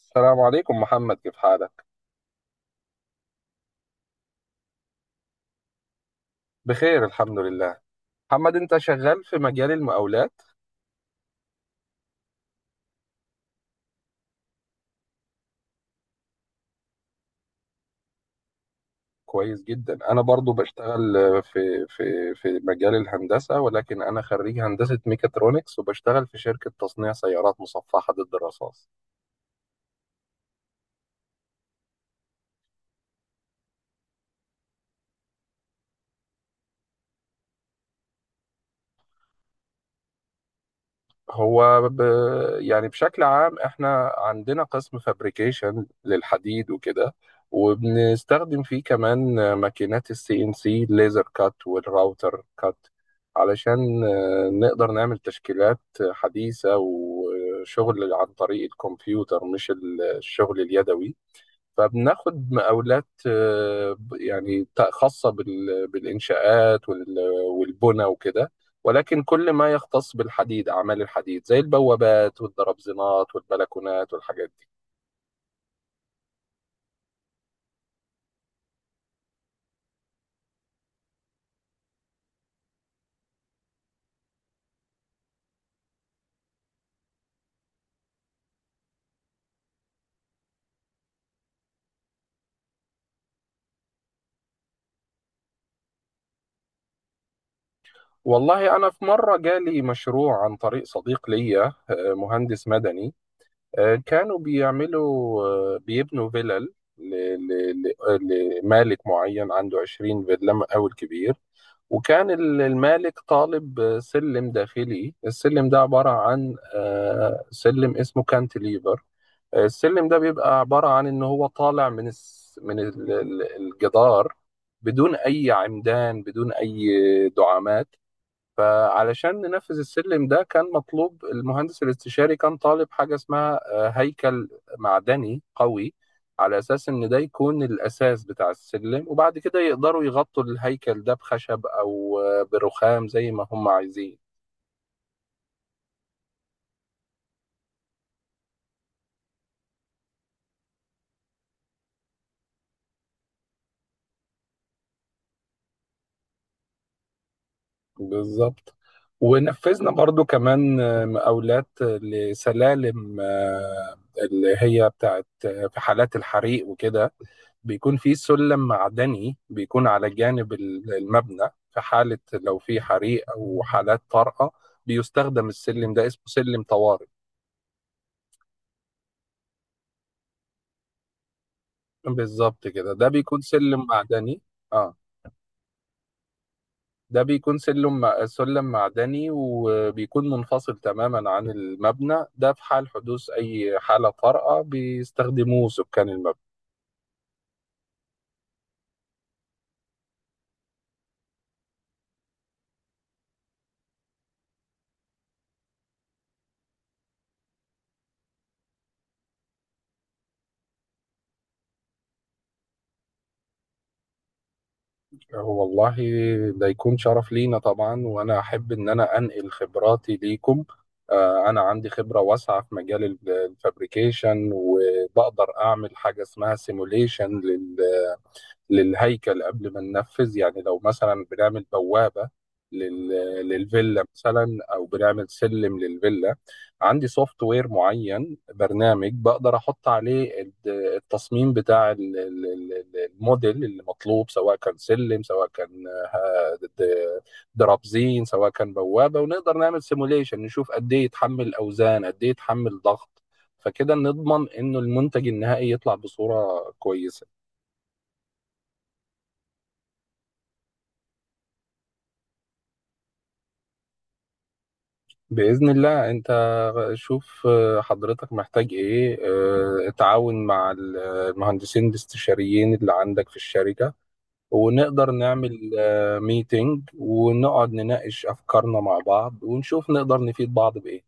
السلام عليكم محمد، كيف حالك؟ بخير الحمد لله. محمد، انت شغال في مجال المقاولات؟ كويس جدا. انا برضو بشتغل في مجال الهندسة، ولكن انا خريج هندسة ميكاترونكس وبشتغل في شركة تصنيع سيارات مصفحة ضد الرصاص. هو ب... يعني بشكل عام احنا عندنا قسم فابريكيشن للحديد وكده، وبنستخدم فيه كمان ماكينات السي ان سي ليزر كات والراوتر كات علشان نقدر نعمل تشكيلات حديثة وشغل عن طريق الكمبيوتر، مش الشغل اليدوي. فبناخد مقاولات بالإنشاءات والبنى وكده، ولكن كل ما يختص بالحديد أعمال الحديد زي البوابات والدرابزينات والبلكونات والحاجات دي. والله أنا في مرة جالي مشروع عن طريق صديق ليا مهندس مدني. آه، كانوا بيعملوا آه، بيبنوا فيلل لمالك معين عنده 20 فيلا، مقاول كبير. وكان المالك طالب سلم داخلي. السلم ده عبارة عن سلم اسمه كانتليفر. السلم ده بيبقى عبارة عن إن هو طالع من الجدار بدون أي عمدان، بدون أي دعامات. فعلشان ننفذ السلم ده كان مطلوب المهندس الاستشاري، كان طالب حاجة اسمها هيكل معدني قوي، على أساس إن ده يكون الأساس بتاع السلم، وبعد كده يقدروا يغطوا الهيكل ده بخشب أو برخام زي ما هم عايزين. بالظبط. ونفذنا برضو كمان مقاولات لسلالم اللي هي بتاعت في حالات الحريق وكده. بيكون في سلم معدني بيكون على جانب المبنى في حالة لو في حريق أو حالات طارئة، بيستخدم السلم ده، اسمه سلم طوارئ. بالظبط كده، ده بيكون سلم معدني. اه. ده بيكون سلم معدني وبيكون منفصل تماما عن المبنى ده. في حال حدوث أي حالة طارئة بيستخدموه سكان المبنى. هو والله ده يكون شرف لينا طبعا، وأنا أحب إن أنا أنقل خبراتي ليكم. أنا عندي خبرة واسعة في مجال الفابريكيشن، وبقدر أعمل حاجة اسمها سيموليشن للهيكل قبل ما ننفذ. يعني لو مثلا بنعمل بوابة لل... للفيلا مثلا، او بنعمل سلم للفيلا. عندي سوفت وير معين، برنامج بقدر احط عليه التصميم بتاع الموديل اللي مطلوب، سواء كان سلم، سواء كان آه، د- درابزين، سواء كان بوابة، ونقدر نعمل سيموليشن نشوف قد ايه يتحمل اوزان، قد ايه يتحمل ضغط، فكده نضمن انه المنتج النهائي يطلع بصورة كويسة. بإذن الله. أنت شوف حضرتك محتاج إيه. اتعاون مع المهندسين الاستشاريين اللي عندك في الشركة، ونقدر نعمل ميتينج ونقعد نناقش أفكارنا مع بعض ونشوف نقدر نفيد بعض بإيه.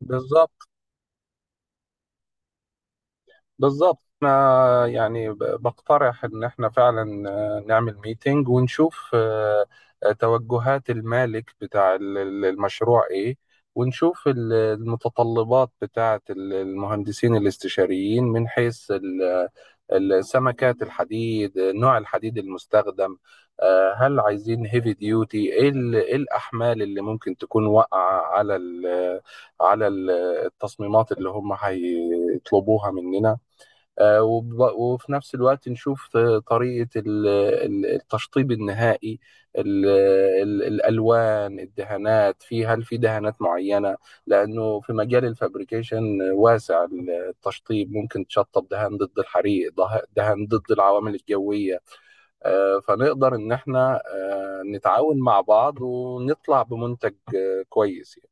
بالظبط. بالظبط، انا يعني بقترح ان احنا فعلا نعمل ميتنج ونشوف توجهات المالك بتاع المشروع ايه، ونشوف المتطلبات بتاعه المهندسين الاستشاريين من حيث السمكات الحديد، نوع الحديد المستخدم. هل عايزين هيفي ديوتي؟ إيه الاحمال اللي ممكن تكون واقعه على على ال- التصميمات اللي هم هيطلبوها مننا. آه، وب- وفي نفس الوقت نشوف طريقة التشطيب النهائي، ال- الألوان الدهانات، هل في دهانات معينة؟ لأنه في مجال الفابريكيشن واسع. التشطيب ممكن تشطب دهان ضد الحريق، دهان ضد العوامل الجوية. فنقدر إن احنا نتعاون مع بعض ونطلع بمنتج كويس يعني.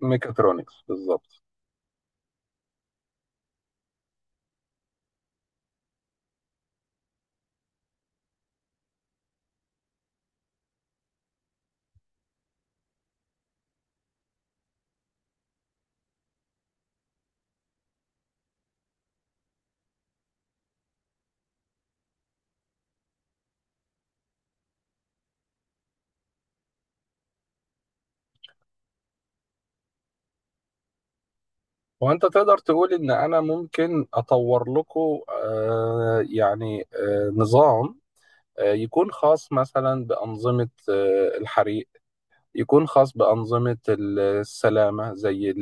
ميكاترونكس بالظبط. وانت تقدر تقول ان انا ممكن اطور لكم يعني نظام يكون خاص مثلا بانظمه الحريق، يكون خاص بانظمه السلامه زي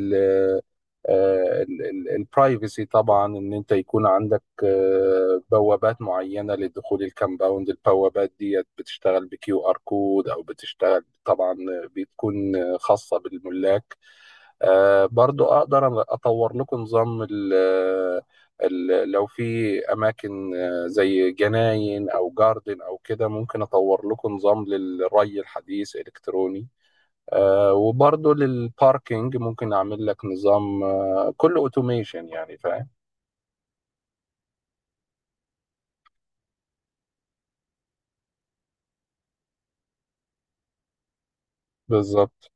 البرايفسي. طبعا ان انت يكون عندك بوابات معينه لدخول الكامباوند، البوابات ديت بتشتغل بكيو ار كود او بتشتغل طبعا، بتكون خاصه بالملاك. برضو اقدر اطور لكم نظام لو في اماكن زي جناين او جاردن او كده، ممكن اطور لكم نظام للري الحديث الكتروني. وبرضو للباركينج ممكن اعمل لك نظام كله اوتوميشن، يعني فاهم. بالظبط.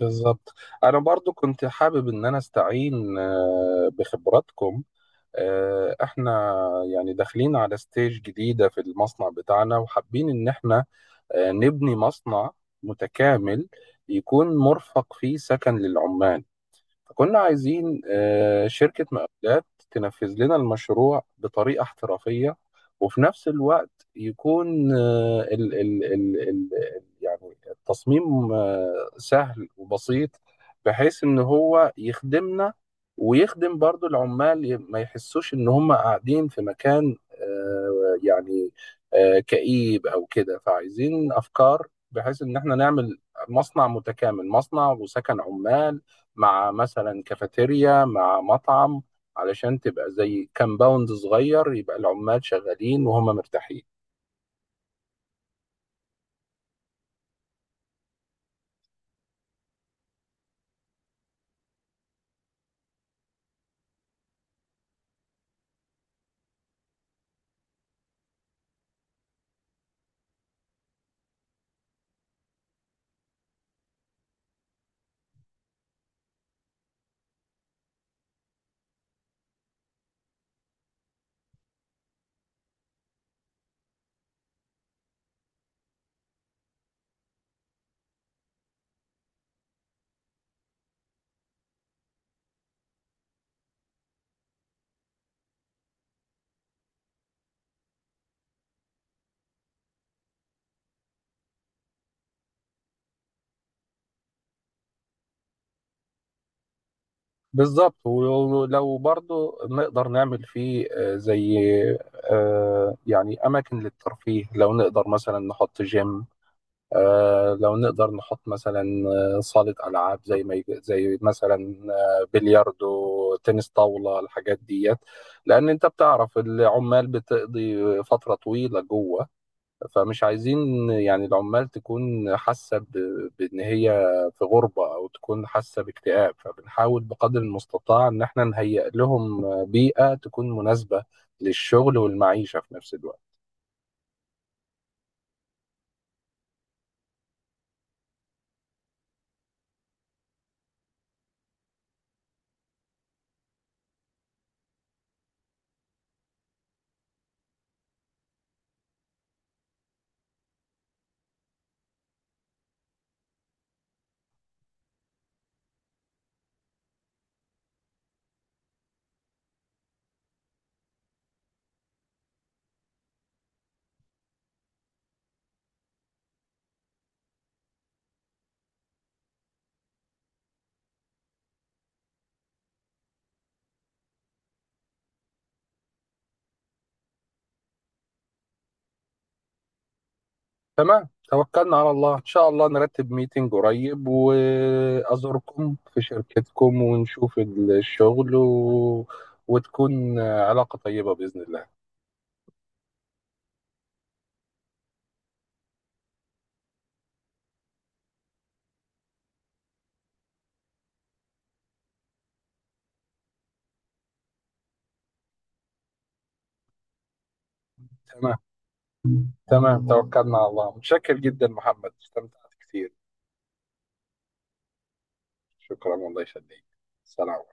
بالظبط، انا برضو كنت حابب ان انا استعين بخبراتكم. احنا يعني داخلين على ستيج جديدة في المصنع بتاعنا، وحابين ان احنا نبني مصنع متكامل يكون مرفق فيه سكن للعمال. فكنا عايزين شركة مقاولات تنفذ لنا المشروع بطريقة احترافية، وفي نفس الوقت يكون آه، ال ال ال ال يعني التصميم سهل وبسيط بحيث إن هو يخدمنا ويخدم برضو العمال، ما يحسوش إن هم قاعدين في مكان يعني كئيب أو كده. فعايزين أفكار بحيث إن احنا نعمل مصنع متكامل، مصنع وسكن عمال، مع مثلا كافيتيريا مع مطعم، علشان تبقى زي كامباوند صغير، يبقى العمال شغالين وهم مرتاحين. بالظبط، ولو برضو نقدر نعمل فيه زي يعني أماكن للترفيه. لو نقدر مثلا نحط جيم، لو نقدر نحط مثلا صالة ألعاب زي ما يج- زي مثلا بلياردو، تنس طاولة، الحاجات ديت. لأن أنت بتعرف العمال بتقضي فترة طويلة جوه، فمش عايزين يعني العمال تكون حاسة بإن هي في غربة أو تكون حاسة باكتئاب. فبنحاول بقدر المستطاع إن احنا نهيئ لهم بيئة تكون مناسبة للشغل والمعيشة في نفس الوقت. تمام، توكلنا على الله. إن شاء الله نرتب ميتنج قريب وأزوركم في شركتكم ونشوف الشغل وتكون علاقة طيبة بإذن الله. تمام تمام، توكلنا على الله. متشكر جدا محمد، استمتعت كثير. شكرا، والله يخليك. سلام.